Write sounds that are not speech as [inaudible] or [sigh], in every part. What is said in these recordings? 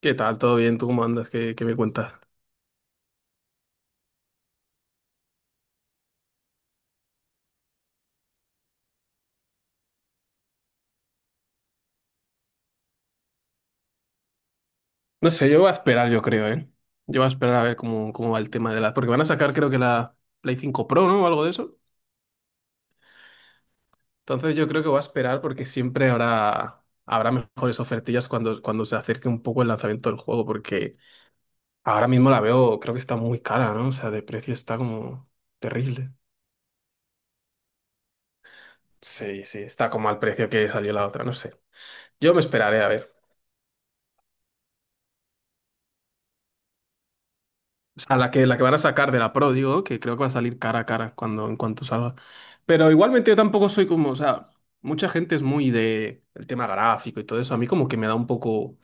¿Qué tal? ¿Todo bien? ¿Tú cómo andas? ¿Qué me cuentas? No sé, yo voy a esperar, yo creo, ¿eh? Yo voy a esperar a ver cómo va el tema de la. Porque van a sacar, creo que la Play 5 Pro, ¿no? O algo de eso. Entonces yo creo que voy a esperar porque siempre habrá mejores ofertillas cuando se acerque un poco el lanzamiento del juego, porque ahora mismo la veo, creo que está muy cara, ¿no? O sea, de precio está como terrible. Sí, sí, está como al precio que salió la otra, no sé. Yo me esperaré a ver. O sea, la que van a sacar de la Pro, digo, que creo que va a salir cara a cara cuando, en cuanto salga. Pero igualmente yo tampoco soy como, o sea, mucha gente es muy de el tema gráfico y todo eso. A mí como que me da un poco,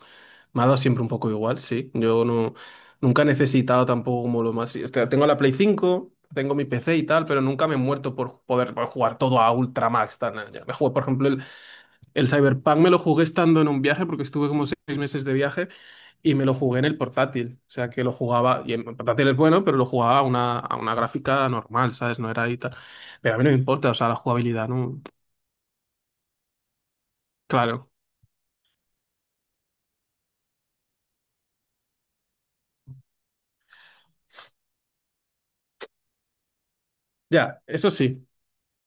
me ha dado siempre un poco igual, sí. Yo no, nunca he necesitado tampoco como lo más. O sea, tengo la Play 5 tengo mi PC y tal, pero nunca me he muerto por poder por jugar todo a Ultra Max. Tal, nada, ya. Me juego, por ejemplo, el, Cyberpunk me lo jugué estando en un viaje porque estuve como 6 meses de viaje y me lo jugué en el portátil. O sea que lo jugaba, y el portátil es bueno, pero lo jugaba a a una gráfica normal, ¿sabes? No era ahí tal. Pero a mí no me importa, o sea, la jugabilidad, ¿no? Claro, ya, eso sí.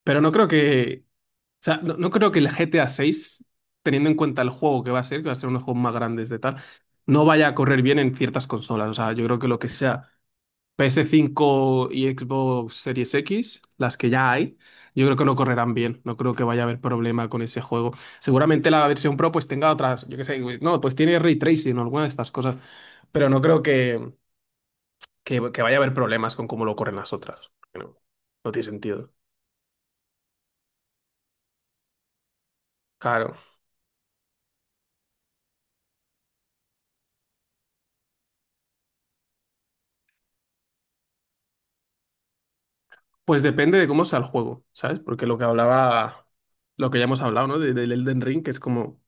Pero no creo que, o sea, no, no creo que el GTA 6, teniendo en cuenta el juego que va a ser uno de los juegos más grandes de tal, no vaya a correr bien en ciertas consolas. O sea, yo creo que lo que sea. PS cinco y Xbox Series X, las que ya hay, yo creo que no correrán bien. No creo que vaya a haber problema con ese juego. Seguramente la versión Pro pues tenga otras, yo qué sé, pues, no, pues tiene ray tracing o alguna de estas cosas, pero no creo que, que vaya a haber problemas con cómo lo corren las otras. No, no tiene sentido. Claro. Pues depende de cómo sea el juego, ¿sabes? Porque lo que hablaba, lo que ya hemos hablado, ¿no? Del Elden Ring, que es como.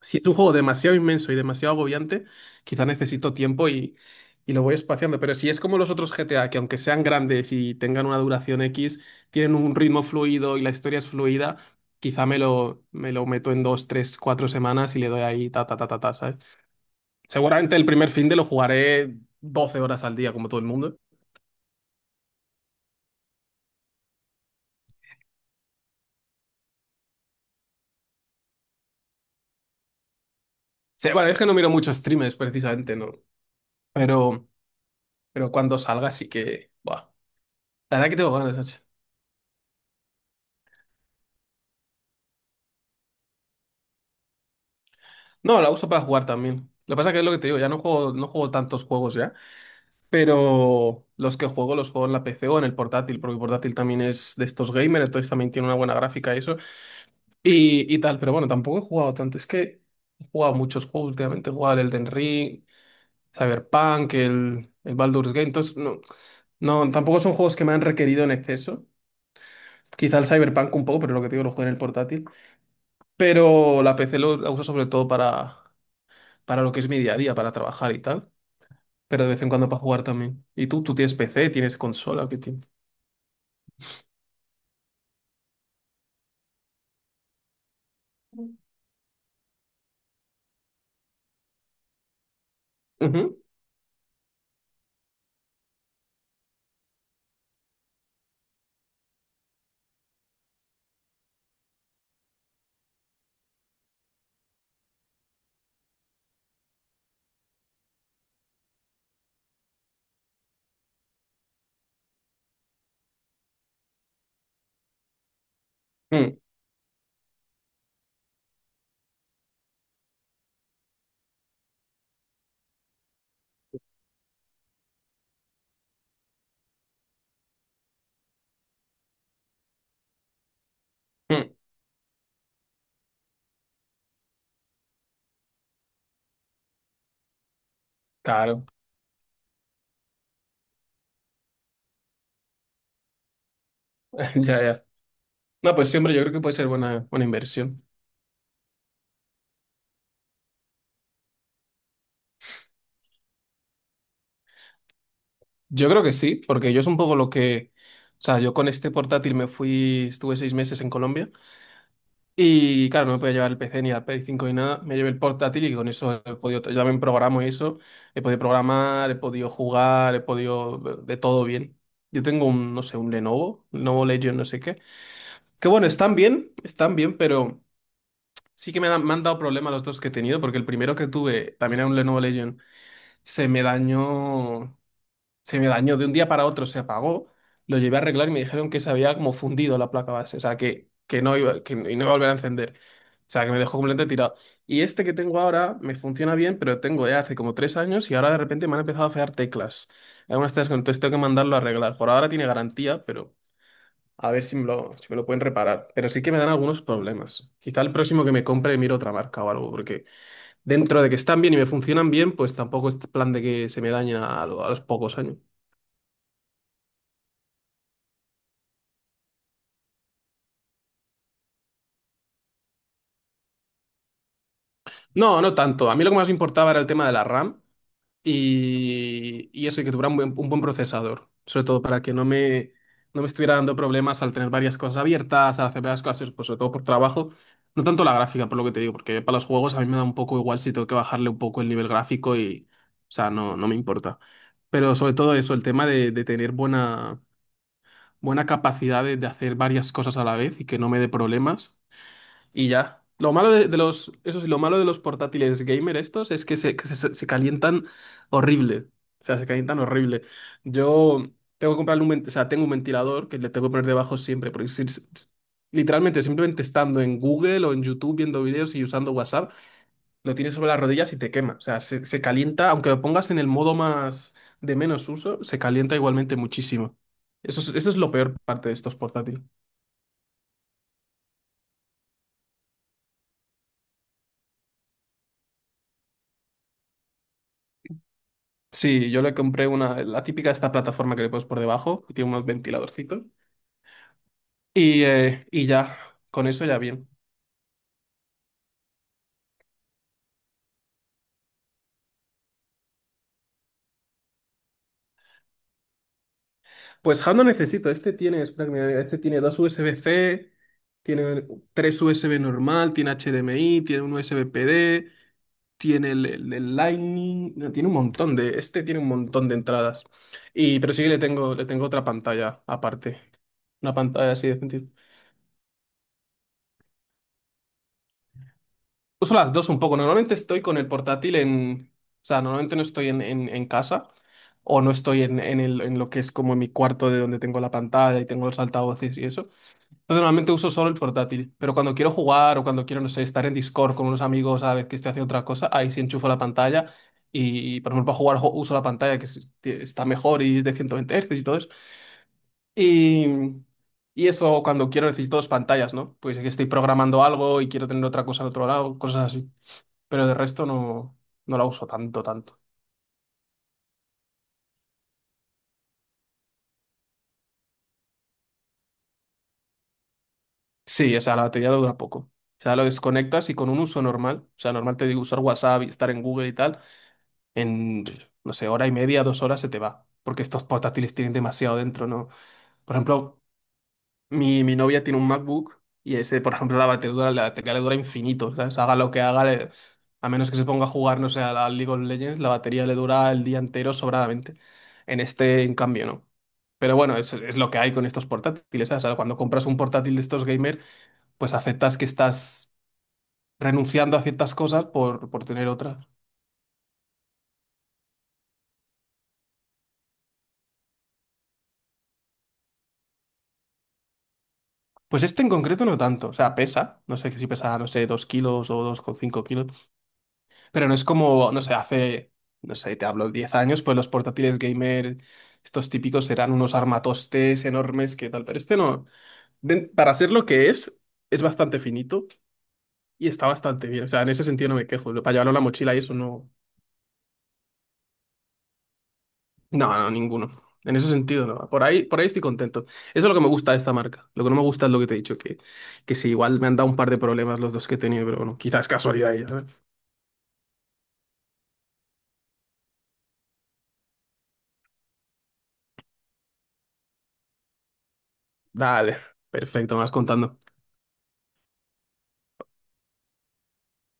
Si es un juego demasiado inmenso y demasiado agobiante, quizá necesito tiempo y lo voy espaciando. Pero si es como los otros GTA, que aunque sean grandes y tengan una duración X, tienen un ritmo fluido y la historia es fluida, quizá me lo meto en 2, 3, 4 semanas y le doy ahí ta, ta, ta, ta, ta, ¿sabes? Seguramente el primer fin de lo jugaré 12 horas al día, como todo el mundo. Sí, bueno, es que no miro muchos streamers, precisamente, ¿no? Pero, pero cuando salga sí que. Buah. La verdad que tengo ganas, macho. No, la uso para jugar también. Lo que pasa que es lo que te digo, ya no juego, tantos juegos ya, pero los que juego los juego en la PC o en el portátil, porque el portátil también es de estos gamers, entonces también tiene una buena gráfica y eso, y tal, pero bueno, tampoco he jugado tanto, es que he jugado muchos juegos últimamente, he jugado el Elden Ring, Cyberpunk, el, Baldur's Gate, entonces no, no, tampoco son juegos que me han requerido en exceso. Quizá el Cyberpunk un poco, pero lo que te digo, lo juego en el portátil. Pero la PC la uso sobre todo para lo que es mi día a día, para trabajar y tal. Pero de vez en cuando para jugar también. ¿Y tú? ¿Tú tienes PC? ¿Tienes consola? ¿Qué tienes? Ujú. Mm, mm. Claro, [laughs] ya, ya. No, pues siempre yo creo que puede ser buena inversión. Yo creo que sí, porque yo es un poco lo que. O sea, yo con este portátil me fui, estuve 6 meses en Colombia y claro, no me podía llevar el PC ni la Play 5 ni nada. Me llevé el portátil y con eso he podido, yo también programo y eso, he podido programar, he podido jugar, he podido de todo bien. Yo tengo un, no sé, un Lenovo, Lenovo Legion, no sé qué. Que bueno, están bien, pero. Sí que me han dado problemas los dos que he tenido, porque el primero que tuve, también era un Lenovo Legion, se me dañó, se me dañó de un día para otro, se apagó, lo llevé a arreglar y me dijeron que se había como fundido la placa base, o sea, que no iba a volver a encender, o sea, que me dejó completamente tirado. Y este que tengo ahora me funciona bien, pero tengo ya hace como 3 años y ahora de repente me han empezado a fallar teclas, algunas teclas, entonces tengo que mandarlo a arreglar. Por ahora tiene garantía, a ver si si me lo pueden reparar. Pero sí que me dan algunos problemas. Quizá el próximo que me compre miro otra marca o algo, porque dentro de que están bien y me funcionan bien, pues tampoco es plan de que se me dañen a los pocos años. No, no tanto. A mí lo que más me importaba era el tema de la RAM. Y eso, y que tuviera un buen, procesador, sobre todo para que no me estuviera dando problemas al tener varias cosas abiertas, al hacer varias cosas, pues sobre todo por trabajo, no tanto la gráfica, por lo que te digo, porque para los juegos a mí me da un poco igual si tengo que bajarle un poco el nivel gráfico y, o sea, no, no me importa. Pero sobre todo eso, el tema de tener buena, capacidad de hacer varias cosas a la vez y que no me dé problemas. Y ya. Lo malo de los, eso sí, lo malo de los portátiles gamer estos es que se calientan horrible. O sea, se calientan horrible. Yo tengo que comprarle o sea, tengo un ventilador que le tengo que poner debajo siempre, porque si- si- si, literalmente simplemente estando en Google o en YouTube viendo vídeos y usando WhatsApp, lo tienes sobre las rodillas y te quema. O sea, se calienta, aunque lo pongas en el modo más de menos uso, se calienta igualmente muchísimo. Eso es lo peor parte de estos portátiles. Sí, yo le compré una, la típica esta plataforma que le pones por debajo, que tiene unos ventiladorcitos. Y ya, con eso ya bien. Pues Hub no necesito, este tiene, espera que me diga, este tiene dos USB-C, tiene tres USB normal, tiene HDMI, tiene un USB PD, tiene el Lightning, no, tiene un montón de, este tiene un montón de entradas. Y, pero sí que le tengo otra pantalla aparte, una pantalla así de. Uso las dos un poco. Normalmente estoy con el portátil en. O sea, normalmente no estoy en casa o no estoy en lo que es como mi cuarto de donde tengo la pantalla y tengo los altavoces y eso. Entonces normalmente uso solo el portátil. Pero cuando quiero jugar o cuando quiero, no sé, estar en Discord con unos amigos a la vez que estoy haciendo otra cosa, ahí sí enchufo la pantalla y, por ejemplo, para jugar uso la pantalla que está mejor y es de 120 Hz y todo eso. Y. Y eso cuando quiero necesito dos pantallas, ¿no? Pues es que estoy programando algo y quiero tener otra cosa al otro lado, cosas así pero de resto no la uso tanto, tanto. Sí, o sea, la batería dura poco. O sea, lo desconectas y con un uso normal, o sea, normal te digo usar WhatsApp y estar en Google y tal, en, no sé, hora y media, 2 horas se te va. Porque estos portátiles tienen demasiado dentro, ¿no? Por ejemplo, mi novia tiene un MacBook y ese, por ejemplo, la batería le dura infinito, ¿sabes? Haga lo que haga, a menos que se ponga a jugar, no sé, a la League of Legends, la batería le dura el día entero sobradamente. En este, en cambio, no. Pero bueno, es lo que hay con estos portátiles, ¿sabes? O sea, cuando compras un portátil de estos gamer, pues aceptas que estás renunciando a ciertas cosas por, tener otras. Pues este en concreto no tanto, o sea, pesa, no sé que si pesa, no sé, 2 kilos o 2,5 kilos. Pero no es como, no sé, hace, no sé, te hablo, 10 años, pues los portátiles gamer, estos típicos eran unos armatostes enormes que tal, pero este no. Para ser lo que es bastante finito y está bastante bien. O sea, en ese sentido no me quejo. Para llevarlo en la mochila y eso no. No, no, ninguno. En ese sentido no. Por ahí estoy contento. Eso es lo que me gusta de esta marca. Lo que no me gusta es lo que te he dicho, que sí, igual me han dado un par de problemas los dos que he tenido, pero bueno, quizás casualidad. Y ya, ¿sabes? Dale, perfecto, me vas contando.